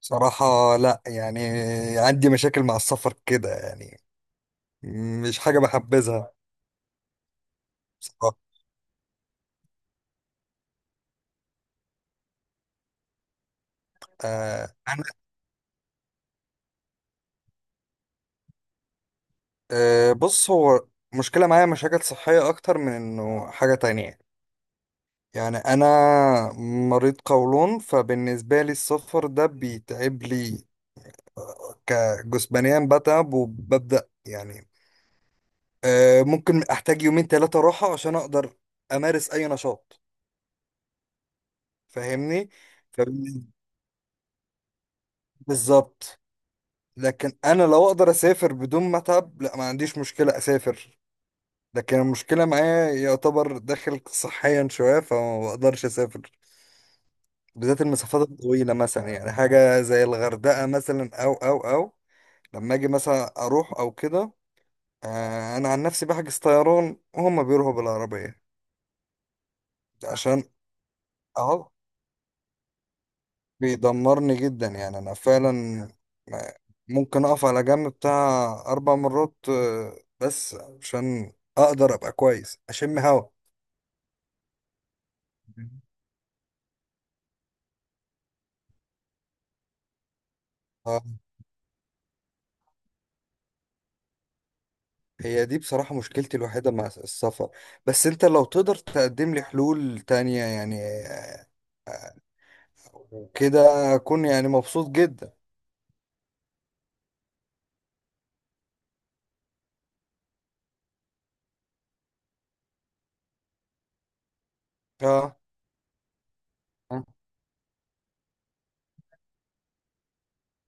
صراحة، لا يعني، عندي مشاكل مع السفر كده يعني مش حاجة بحبذها. بصراحة، آه أنا آه بص، هو مشكلة معايا، مشاكل صحية أكتر من إنه حاجة تانية. يعني أنا مريض قولون، فبالنسبة لي السفر ده بيتعب لي. كجسمانيا بتعب وببدأ، يعني ممكن أحتاج يومين تلاتة راحة عشان أقدر أمارس أي نشاط. فاهمني؟ فبالظبط. لكن انا لو اقدر اسافر بدون ما اتعب، لا ما عنديش مشكله اسافر. لكن المشكله معايا يعتبر داخل صحيا شويه، فما بقدرش اسافر، بالذات المسافات الطويله، مثلا يعني حاجه زي الغردقه مثلا او لما اجي مثلا اروح او كده. انا عن نفسي بحجز طيران وهم بيروحوا بالعربيه، عشان اهو بيدمرني جدا، يعني انا فعلا، ما- ممكن اقف على جنب بتاع 4 مرات، بس عشان اقدر ابقى كويس اشم هوا. اه. هي دي بصراحة مشكلتي الوحيدة مع السفر. بس انت لو تقدر تقدم لي حلول تانية، يعني كده اكون يعني مبسوط جدا. اه. آه،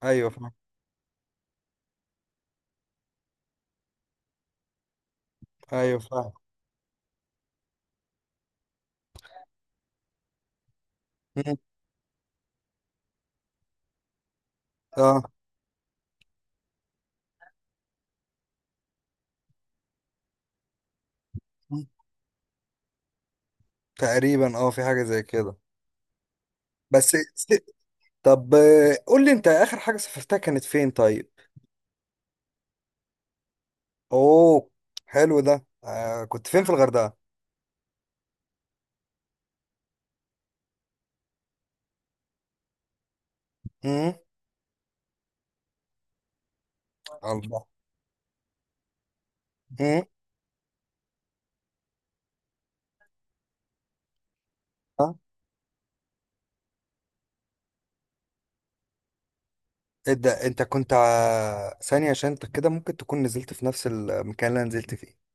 ايوه فاهم. ايوه فاهم. مم، اه، مم، تقريبا اه في حاجة زي كده. بس س- طب قول لي انت اخر حاجة سافرتها كانت فين طيب؟ اوه، حلو ده. آه، كنت فين في الغردقه؟ امم. الله. امم. ها. ايه ده، انت كنت ثانيه، عشان انت كده ممكن تكون نزلت في نفس المكان اللي أنا نزلت فيه.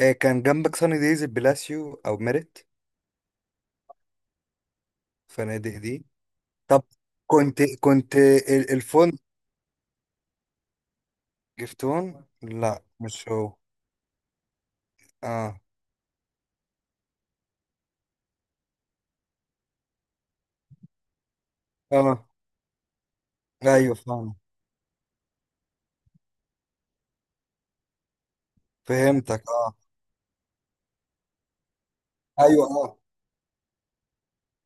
آه، كان جنبك ساني دايز البلاسيو او ميريت، فنادق دي. طب، كنت الفندق جفتون، لا مش هو. اه. اه. ايوه فاهم. فهمتك. اه. ايوه. آه.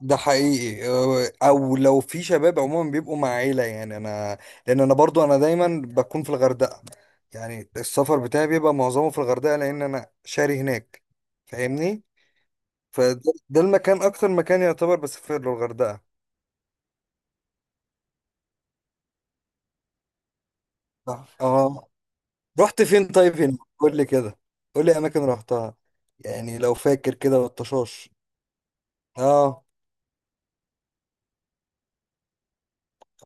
ده حقيقي. او لو في شباب عموما بيبقوا مع عيله، يعني انا، لان انا برضو انا دايما بكون في الغردقه. يعني السفر بتاعي بيبقى معظمه في الغردقه، لان انا شاري هناك، فاهمني. فده، ده المكان، اكتر مكان يعتبر بسافر له، الغردقه. اه. آه. رحت فين طيب هنا قول لي كده. قول لي اماكن رحتها، يعني لو فاكر كده والطشاش. اه.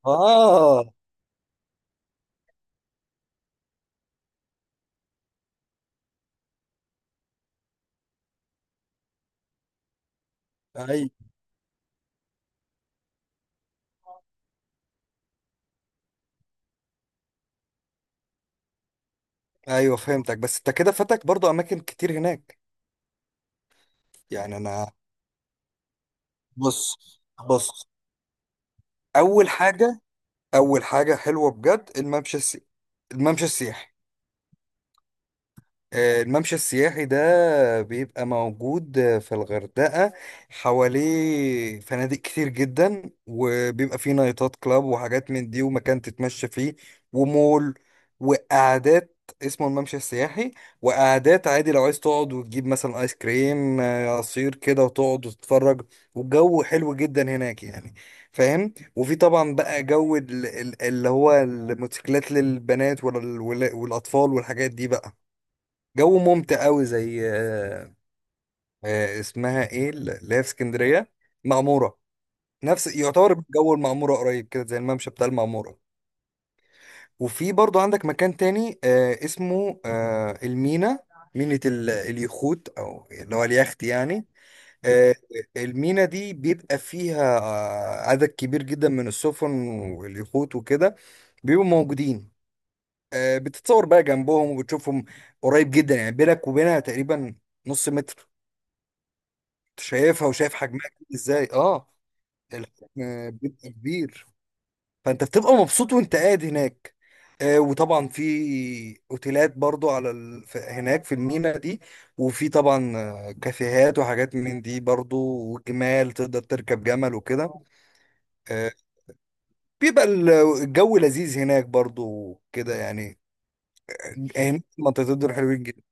اه. ايوه. ايوه فهمتك، بس انت كده فاتك برضو اماكن كتير هناك. يعني انا، بص، بص، اول حاجه، اول حاجه حلوه بجد، الممشى الممشى السياحي. الممشى السياحي ده بيبقى موجود في الغردقة. حواليه فنادق كتير جدا وبيبقى فيه نايتات كلاب وحاجات من دي، ومكان تتمشى فيه، ومول، وقعدات. اسمه الممشى السياحي. وقعدات عادي لو عايز تقعد وتجيب مثلا ايس كريم، عصير كده، وتقعد وتتفرج، والجو حلو جدا هناك يعني. فاهم. وفي طبعا بقى جو اللي هو الموتوسيكلات للبنات والاطفال والحاجات دي بقى، جو ممتع قوي زي، اسمها ايه اللي هي في اسكندريه، المعموره. نفس يعتبر جو المعموره، قريب كده زي الممشى بتاع المعموره. وفي برضو عندك مكان تاني اسمه المينا، مينة اليخوت، او اللي هو اليخت يعني. آه. المينا دي بيبقى فيها عدد كبير جدا من السفن واليخوت وكده، بيبقوا موجودين. بتتصور بقى جنبهم وبتشوفهم قريب جدا، يعني بينك وبينها تقريبا نص متر، شايفها وشايف حجمها كبير ازاي. اه. الحجم بيبقى كبير، فانت بتبقى مبسوط وانت قاعد هناك. وطبعا في اوتيلات برضو هناك في المينا دي. وفي طبعا كافيهات وحاجات من دي برضو، وجمال، تقدر تركب جمل وكده. آه، بيبقى الجو لذيذ هناك برضو كده يعني. هناك منطقتين دول حلوين جدا.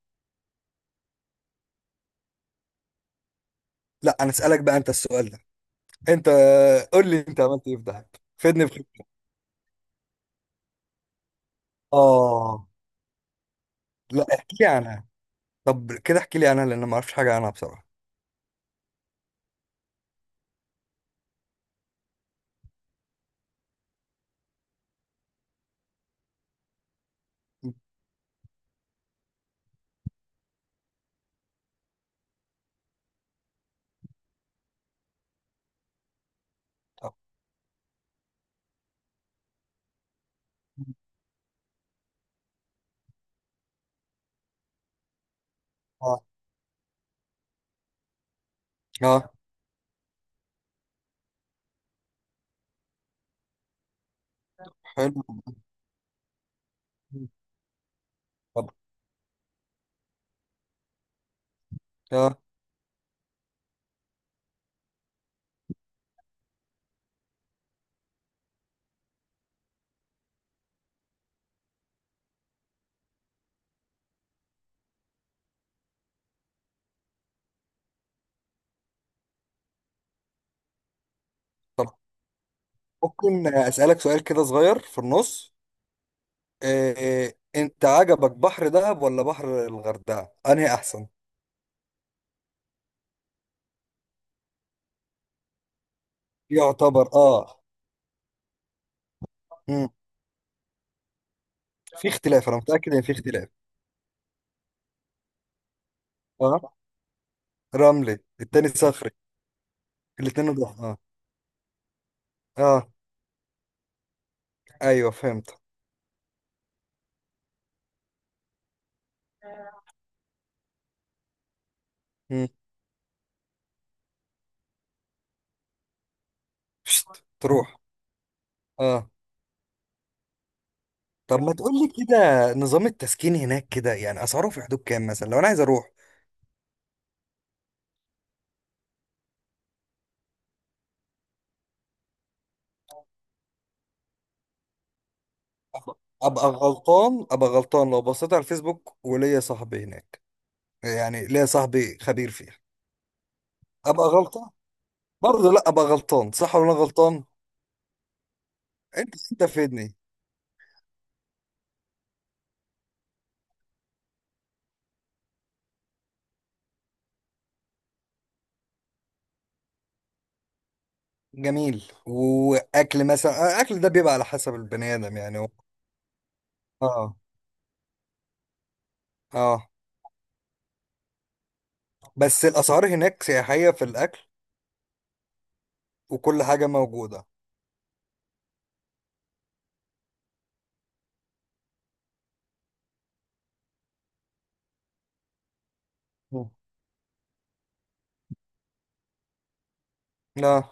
لا انا اسالك بقى انت السؤال ده، انت قول لي انت عملت ايه في دهب. فدني بخير. اه. لا احكي لي عنها. طب كده احكي لي عنها لان أنا ما اعرفش حاجه عنها بصراحه. طب. آه. آه. حلو. طب. آه. طب ممكن أسألك سؤال كده صغير في النص؟ آه، أنت عجبك بحر دهب ولا بحر الغردقة؟ أنهي أحسن؟ يعتبر آه. مم. في اختلاف، أنا متأكد إن في اختلاف. آه. رملي، التاني صخري. الاتنين ضح. آه. آه. أيوه فهمت. مم. شت. تروح. آه. طب ما تقول لي كده، نظام التسكين هناك كده يعني أسعاره في حدود كام مثلا لو أنا عايز أروح؟ ابقى غلطان، ابقى غلطان لو بصيت على الفيسبوك وليا صاحبي هناك. يعني ليا صاحبي خبير فيها. ابقى غلطان برضه. لا ابقى غلطان، صح ولا أنا غلطان؟ انت انت فيدني. جميل. واكل مثلا الاكل ده بيبقى على حسب البني ادم، يعني اه. اه. بس الاسعار هناك سياحية في الاكل وكل حاجة موجودة. مم. لا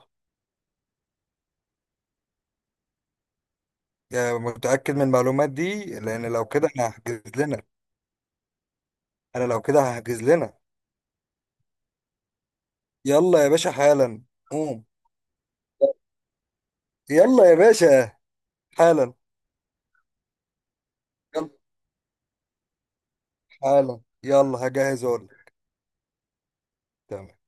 يعني متأكد من المعلومات دي، لان لو كده انا هحجز لنا. انا لو كده هحجز لنا. يلا يا باشا، حالا، قوم. يلا يا باشا، حالا. يلا، حالا. يلا هجهز اقول لك. تمام.